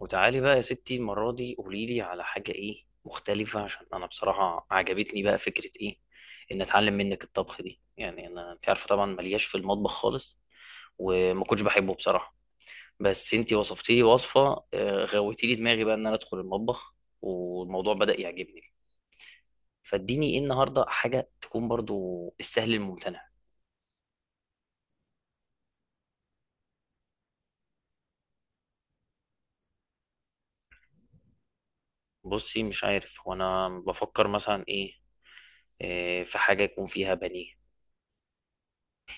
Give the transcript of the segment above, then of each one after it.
وتعالي بقى يا ستي، المرة دي قوليلي على حاجة ايه مختلفة، عشان انا بصراحة عجبتني بقى فكرة ايه ان اتعلم منك الطبخ دي. يعني انا انت عارفة طبعا ملياش في المطبخ خالص، وما كنتش بحبه بصراحة. بس انت وصفتي لي وصفة، غويتي لي دماغي بقى ان انا ادخل المطبخ، والموضوع بدأ يعجبني. فاديني ايه النهاردة حاجة تكون برضو السهل الممتنع. بصي مش عارف، وانا بفكر مثلا ايه، في حاجة يكون فيها بانيه.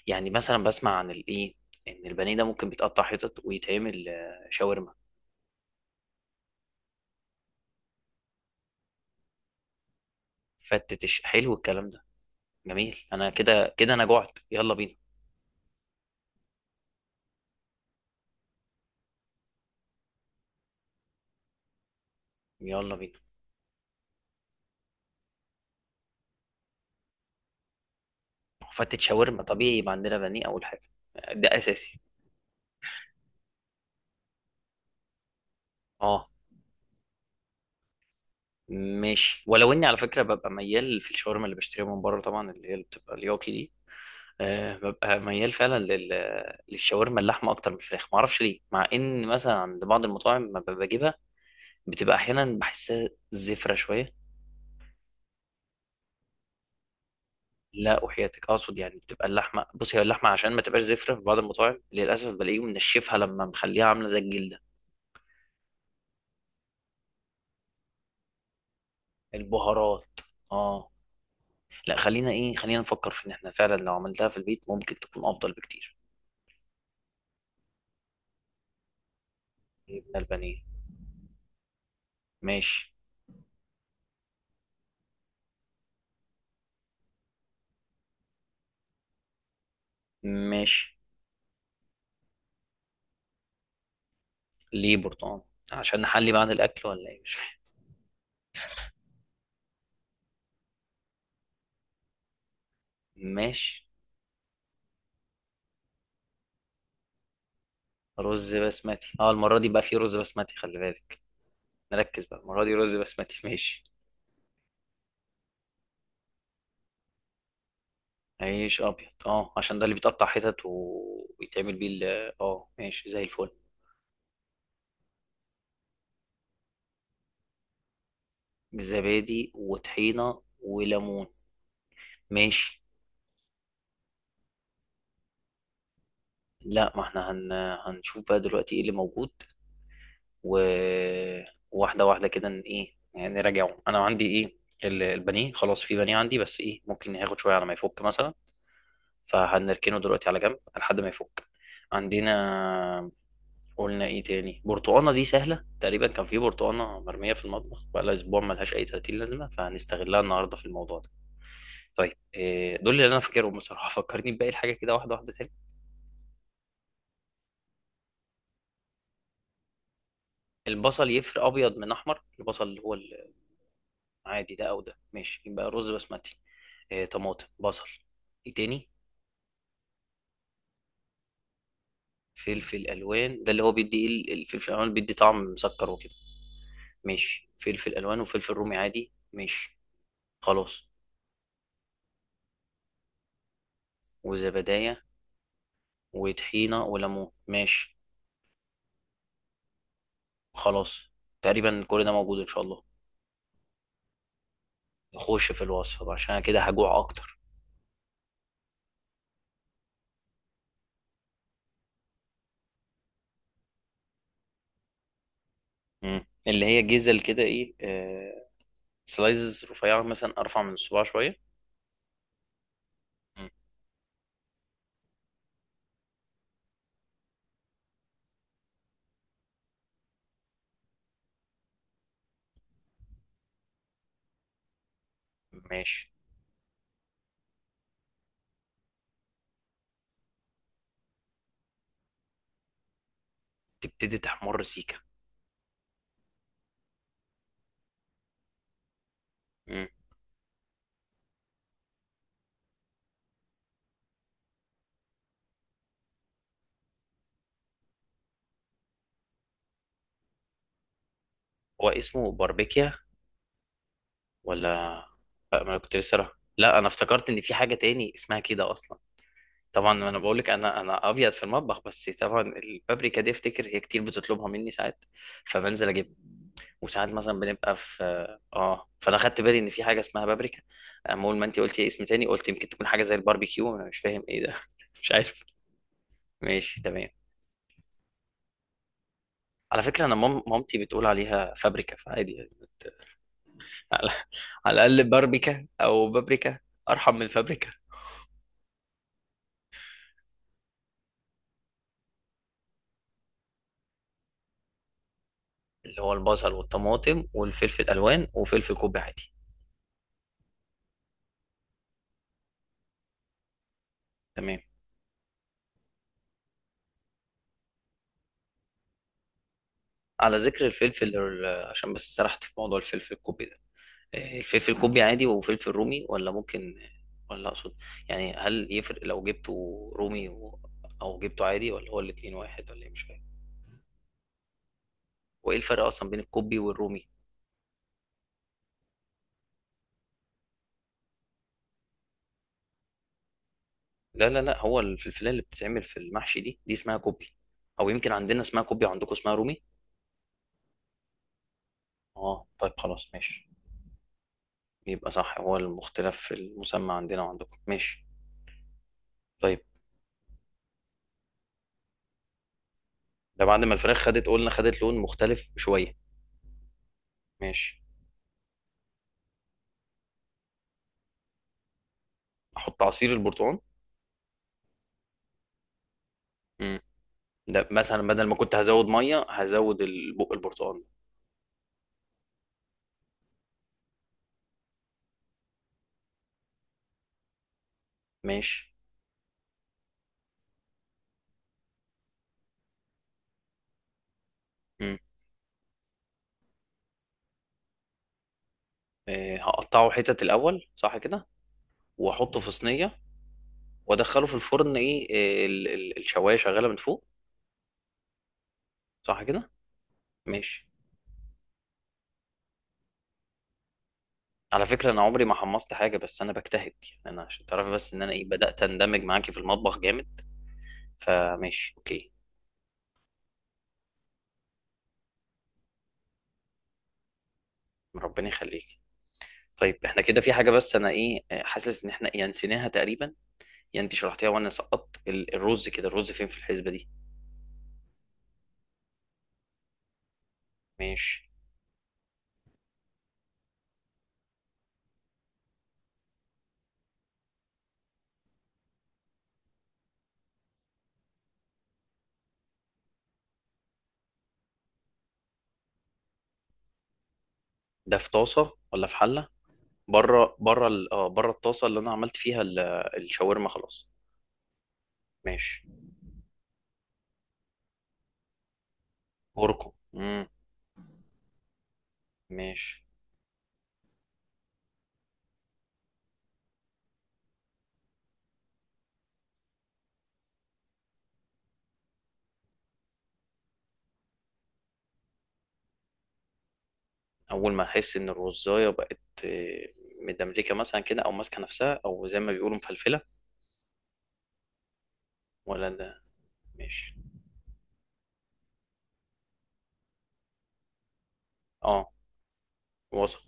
يعني مثلا بسمع عن الايه، ان البانيه ده ممكن بيتقطع حتت ويتعمل شاورما. فتتش حلو الكلام ده، جميل. انا كده كده انا جعت، يلا بينا. يلا بينا. فتت شاورما طبيعي يبقى عندنا بانيه اول حاجه، ده اساسي. اه ماشي، ولو اني على فكره ببقى ميال في الشاورما اللي بشتريها من بره، طبعا اللي هي اللي بتبقى الياكي دي. ببقى ميال فعلا للشاورما اللحمه اكتر من الفراخ، معرفش ليه، مع ان مثلا عند بعض المطاعم ما بجيبها بتبقى احيانا بحسها زفره شويه. لا وحياتك، اقصد يعني بتبقى اللحمه، بصي هي اللحمه عشان ما تبقاش زفره. في بعض المطاعم للاسف بلاقيهم منشفها لما مخليها عامله زي الجلده. البهارات. اه. لا خلينا ايه، خلينا نفكر في ان احنا فعلا لو عملتها في البيت ممكن تكون افضل بكتير. جبنا البانيه، ماشي. ماشي. ليه برتقال؟ عشان نحلي بعد الاكل ولا ايه؟ مش فاهم. ماشي. رز بسمتي، اه المره دي بقى في رز بسمتي، خلي بالك. نركز بقى المره دي، رز بسمتي ماشي. عيش ابيض اه، عشان ده اللي بيتقطع حتت ويتعمل بيه اه ماشي زي الفل. بالزبادي وطحينه وليمون، ماشي. لا ما احنا هن... هنشوف بقى دلوقتي ايه اللي موجود، و... واحده واحده كده ايه يعني نراجعه، انا عندي ايه. البانيه خلاص في بانيه عندي، بس ايه ممكن ياخد شويه على ما يفك مثلا، فهنركنه دلوقتي على جنب لحد ما يفك. عندنا، قلنا ايه تاني؟ برتقانه، دي سهله تقريبا، كان في برتقانه مرميه في المطبخ بقالها اسبوع ملهاش اي 30 لازمه، فهنستغلها النهارده في الموضوع ده. طيب إيه دول اللي انا فاكرهم بصراحه؟ فكرني بباقي الحاجه كده واحده واحده تاني. البصل يفرق ابيض من احمر؟ البصل اللي هو العادي ده، او ده ماشي. يبقى رز بسمتي، إيه، طماطم، بصل، ايه تاني؟ فلفل الوان، ده اللي هو بيدي ايه، الفلفل الالوان بيدي طعم مسكر وكده. ماشي، فلفل الوان وفلفل رومي عادي، ماشي، خلاص. وزبدايه وطحينه وليمون، ماشي. خلاص. تقريبا كل ده موجود ان شاء الله. نخش في الوصفه بقى، عشان أنا كده هجوع اكتر. مم. اللي هي جزل كده، ايه، سلايزز رفيعه، مثلا ارفع من الصباع شويه. مم. ماشي. تبتدي تحمر سيكه. مم. هو اسمه باربيكيا ولا؟ لا، ما انا كنت لسه راح- لا انا افتكرت ان في حاجه تاني اسمها كده اصلا. طبعا ما انا بقول لك، انا ابيض في المطبخ، بس طبعا البابريكا دي افتكر هي كتير بتطلبها مني ساعات، فبنزل اجيبها. وساعات مثلا بنبقى في. اه، فانا خدت بالي ان في حاجه اسمها بابريكا. أما اول ما انت قلتي اسم تاني قلت يمكن تكون حاجه زي الباربيكيو، انا مش فاهم ايه ده مش عارف. ماشي تمام. على فكره انا مامتي بتقول عليها فابريكا، فعادي يعني على، على الاقل باربيكا او بابريكا ارحم من فابريكا. اللي هو البصل والطماطم والفلفل الالوان وفلفل كوب عادي. تمام. على ذكر الفلفل عشان بس سرحت في موضوع الفلفل الكوبي ده، إيه، الفلفل الكوبي عادي وفلفل رومي، ولا ممكن، ولا اقصد يعني هل يفرق لو جبته رومي او جبته عادي، ولا هو الاتنين واحد ولا ايه؟ مش فاهم. وايه الفرق اصلا بين الكوبي والرومي؟ لا هو الفلفلايه اللي بتتعمل في المحشي دي اسمها كوبي. او يمكن عندنا اسمها كوبي وعندكم اسمها رومي. اه طيب خلاص ماشي. يبقى صح، هو المختلف في المسمى عندنا وعندكم، ماشي. طيب ده بعد ما الفراخ خدت، قلنا خدت لون مختلف شوية. ماشي. احط عصير البرتقال. امم. ده مثلا بدل ما كنت هزود ميه هزود البق البرتقال. ماشي. امم. هقطعه حتت الاول، صح كده؟ واحطه في صينيه وادخله في الفرن، ايه الشوايه شغاله من فوق، صح كده؟ ماشي. على فكره انا عمري ما حمصت حاجه، بس انا بجتهد يعني، انا عشان تعرفي بس ان انا ايه بدات اندمج معاكي في المطبخ جامد. فماشي اوكي. ربنا يخليك. طيب احنا كده في حاجه، بس انا ايه حاسس ان احنا يعني نسيناها تقريبا. يعني انت شرحتيها وانا سقطت الرز، كده الرز فين في الحسبه دي؟ ماشي. ده في طاسه ولا في حله؟ بره بره ال- اه بره الطاسه اللي انا عملت فيها الشاورما خلاص. ماشي. اركن. امم. ماشي. اول ما احس ان الرزايه بقت مدملكه مثلا كده، او ماسكه نفسها، او زي ما بيقولوا مفلفله، ولا ده؟ ماشي. اه، وصل.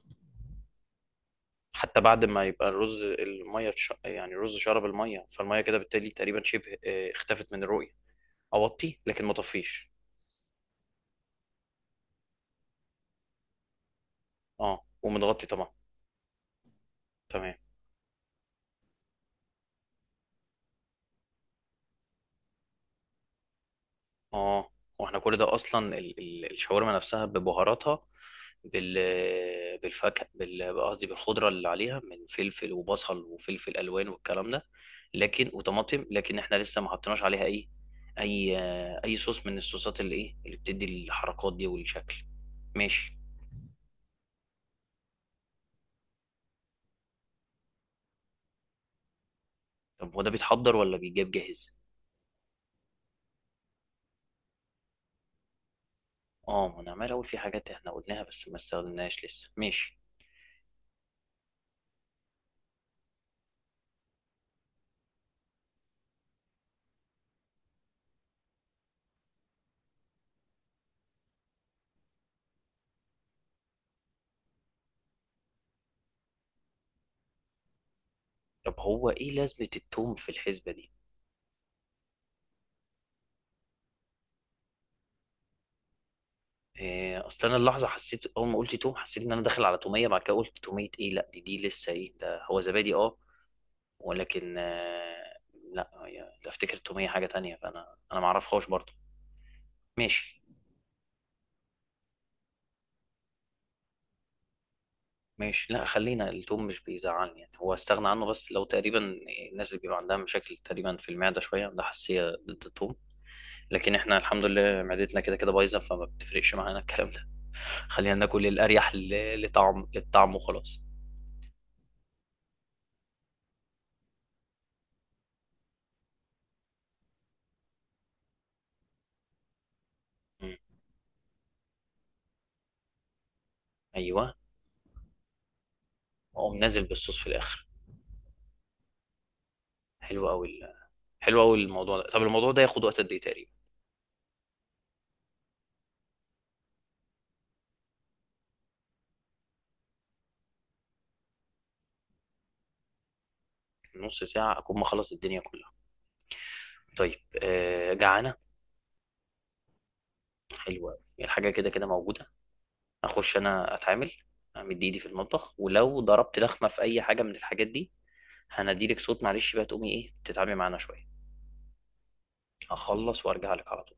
حتى بعد ما يبقى الرز الميه يعني الرز شرب الميه، فالميه كده بالتالي تقريبا شبه اختفت من الرؤيه. اوطي لكن ما طفيش. اه، ومتغطي طبعا. تمام. اه. واحنا كل ده اصلا الشاورما نفسها ببهاراتها، بال بالفاكهه، قصدي بالخضره اللي عليها من فلفل وبصل وفلفل الوان والكلام ده، لكن وطماطم، لكن احنا لسه ما حطيناش عليها اي، اي اي صوص من الصوصات اللي ايه اللي بتدي الحركات دي والشكل. ماشي. طب هو ده بيتحضر ولا بيجاب جاهز؟ اه، ما انا عمال اقول في حاجات احنا قلناها بس ما استخدمناهاش لسه. ماشي. طب هو ايه لازمة التوم في الحسبة دي؟ إيه، اصل انا اللحظه حسيت اول ما قلت توم، حسيت ان انا داخل على توميه، بعد كده قلت توميه ايه، لا دي لسه ايه ده هو زبادي اه. ولكن لا ده افتكر التوميه حاجه تانية، فانا ما اعرفهاش برضه. ماشي. ماشي. لا خلينا التوم، مش بيزعلني يعني هو، استغنى عنه. بس لو تقريبا الناس اللي بيبقى عندها مشاكل تقريبا في المعده شويه عندها حساسيه ضد التوم، لكن احنا الحمد لله معدتنا كده كده بايظه فما بتفرقش معانا الكلام ده خلينا ناكل الاريح لطعم للطعم وخلاص. مم. ايوه. واقوم نازل بالصوص في الاخر. حلو قوي حلو قوي الموضوع ده. طب الموضوع ده ياخد وقت قد ايه تقريبا؟ نص ساعه اكون مخلص الدنيا كلها. طيب آه جعانه. حلو قوي، الحاجه كده كده موجوده. اخش انا اتعامل، امد ايدي في المطبخ، ولو ضربت لخمه في اي حاجه من الحاجات دي هنديلك صوت. معلش بقى تقومي ايه تتعاملي معانا شويه. هخلص وارجع لك على طول.